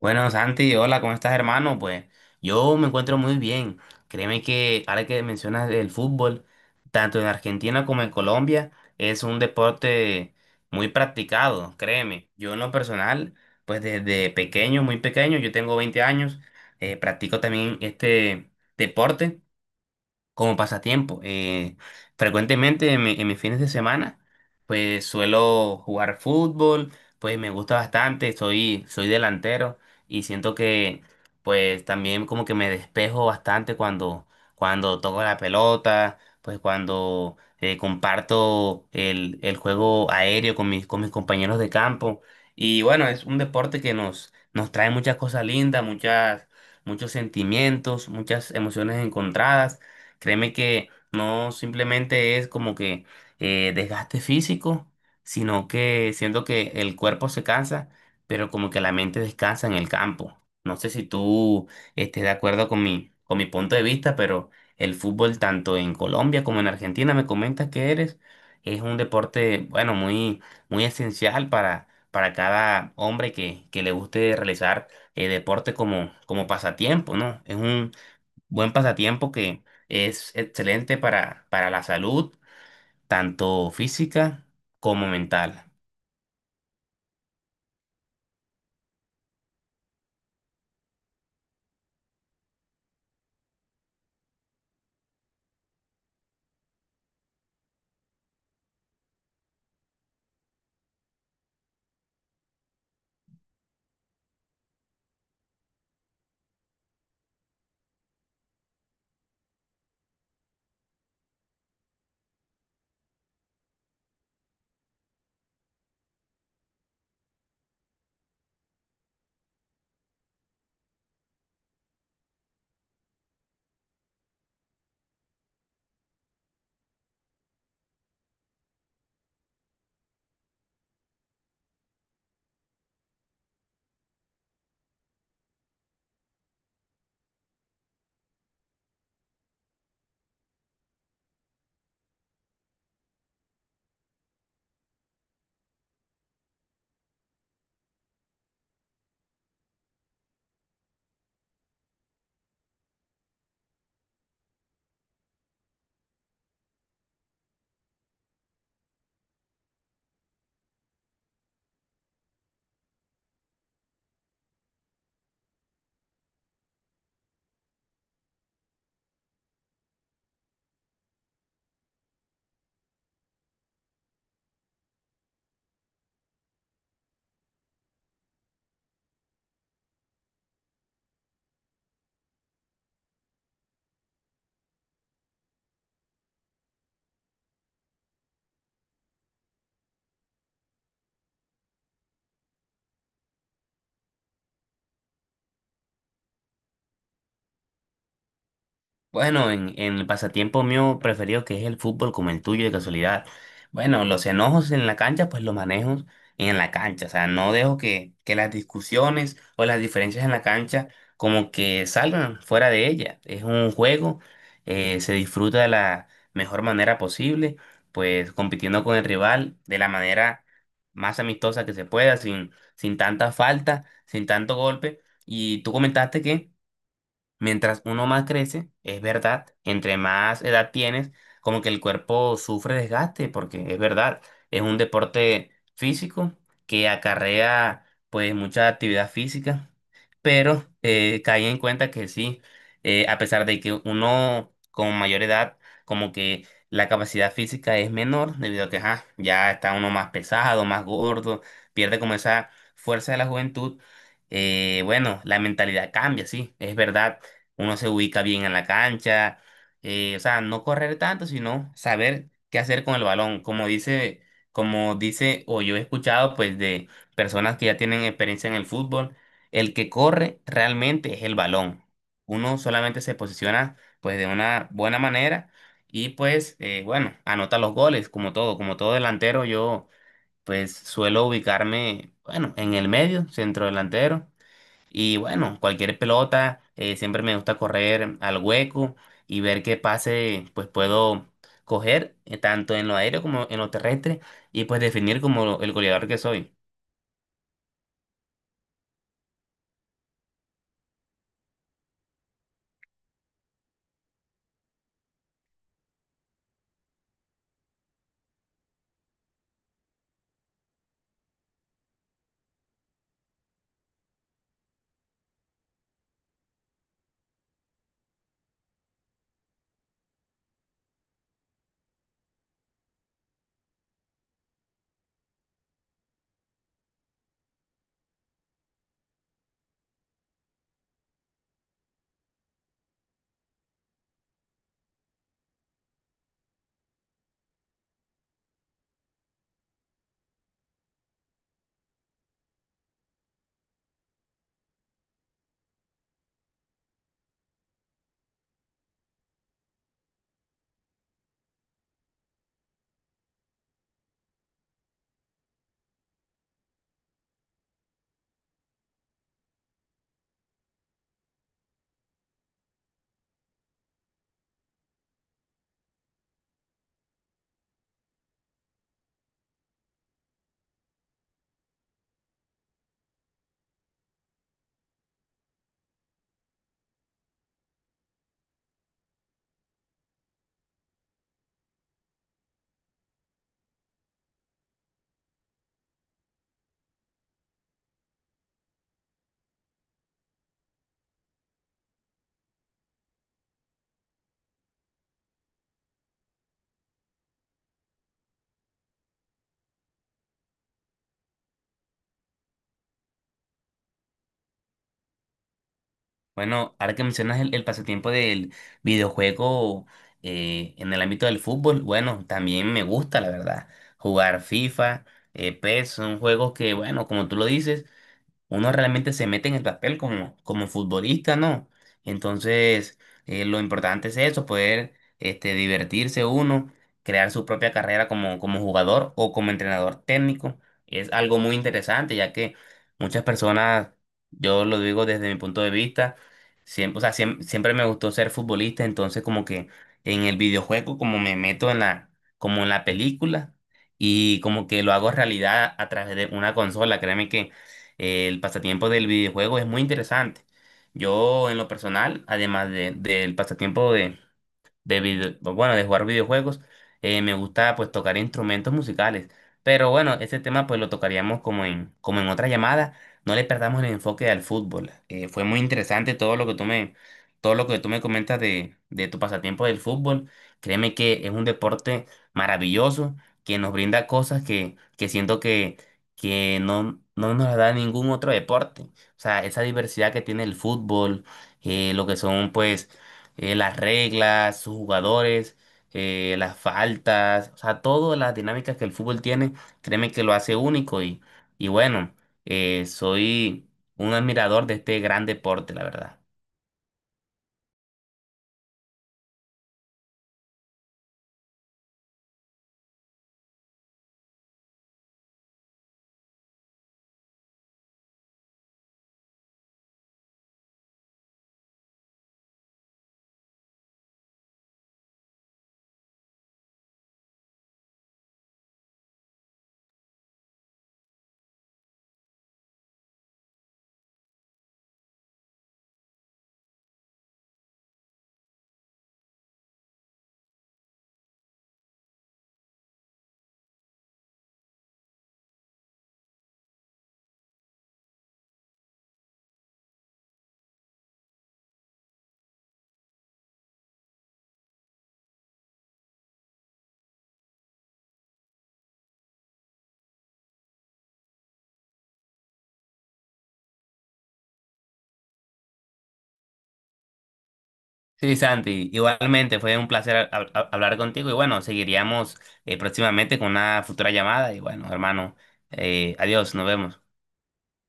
Bueno, Santi, hola, ¿cómo estás, hermano? Pues yo me encuentro muy bien. Créeme que ahora que mencionas el fútbol, tanto en Argentina como en Colombia, es un deporte muy practicado, créeme. Yo en lo personal, pues desde pequeño, muy pequeño, yo tengo 20 años, practico también este deporte como pasatiempo. Frecuentemente en, en mis fines de semana, pues suelo jugar fútbol, pues me gusta bastante, soy delantero y siento que pues también como que me despejo bastante cuando, cuando toco la pelota, pues cuando comparto el juego aéreo con mis compañeros de campo. Y bueno, es un deporte que nos trae muchas cosas lindas, muchas, muchos sentimientos, muchas emociones encontradas. Créeme que no simplemente es como que desgaste físico, sino que siento que el cuerpo se cansa, pero como que la mente descansa en el campo. No sé si tú estés de acuerdo con mi punto de vista, pero el fútbol tanto en Colombia como en Argentina, me comentas que eres, es un deporte, bueno, muy, muy esencial para cada hombre que le guste realizar deporte como, como pasatiempo, ¿no? Es un buen pasatiempo que es excelente para la salud, tanto física como mental. Bueno, en el pasatiempo mío preferido que es el fútbol como el tuyo de casualidad. Bueno, los enojos en la cancha pues los manejo en la cancha. O sea, no dejo que las discusiones o las diferencias en la cancha como que salgan fuera de ella. Es un juego, se disfruta de la mejor manera posible, pues compitiendo con el rival de la manera más amistosa que se pueda, sin, sin tanta falta, sin tanto golpe. Y tú comentaste que... Mientras uno más crece, es verdad, entre más edad tienes, como que el cuerpo sufre desgaste, porque es verdad, es un deporte físico que acarrea pues mucha actividad física, pero caí en cuenta que sí, a pesar de que uno con mayor edad, como que la capacidad física es menor, debido a que ajá, ya está uno más pesado, más gordo, pierde como esa fuerza de la juventud bueno, la mentalidad cambia, sí, es verdad uno se ubica bien en la cancha, o sea, no correr tanto, sino saber qué hacer con el balón, como dice, o yo he escuchado pues de personas que ya tienen experiencia en el fútbol, el que corre realmente es el balón. Uno solamente se posiciona pues de una buena manera y pues bueno, anota los goles, como todo delantero, yo pues suelo ubicarme, bueno, en el medio, centro delantero y bueno, cualquier pelota, siempre me gusta correr al hueco y ver qué pase pues puedo coger tanto en lo aéreo como en lo terrestre y pues definir como el goleador que soy. Bueno, ahora que mencionas el pasatiempo del videojuego en el ámbito del fútbol, bueno, también me gusta la verdad jugar FIFA, PES, son juegos que bueno, como tú lo dices uno realmente se mete en el papel como, como futbolista, ¿no? Entonces, lo importante es eso, poder este, divertirse uno, crear su propia carrera como, como jugador o como entrenador técnico. Es algo muy interesante, ya que muchas personas, yo lo digo desde mi punto de vista, siempre, o sea, siempre me gustó ser futbolista, entonces como que en el videojuego, como me meto en la, como en la película y como que lo hago realidad a través de una consola, créeme que el pasatiempo del videojuego es muy interesante. Yo, en lo personal, del pasatiempo de, bueno, de jugar videojuegos, me gusta pues tocar instrumentos musicales. Pero bueno, ese tema pues lo tocaríamos como en, como en otra llamada. No le perdamos el enfoque al fútbol. Fue muy interesante todo lo que tú me, todo lo que tú me comentas de tu pasatiempo del fútbol. Créeme que es un deporte maravilloso que nos brinda cosas que siento que no, no nos las da ningún otro deporte. O sea, esa diversidad que tiene el fútbol, lo que son pues las reglas, sus jugadores, las faltas, o sea, todas las dinámicas que el fútbol tiene, créeme que lo hace único y bueno, soy un admirador de este gran deporte, la verdad. Sí, Santi, igualmente fue un placer hablar contigo y bueno, seguiríamos próximamente con una futura llamada y bueno, hermano, adiós, nos vemos.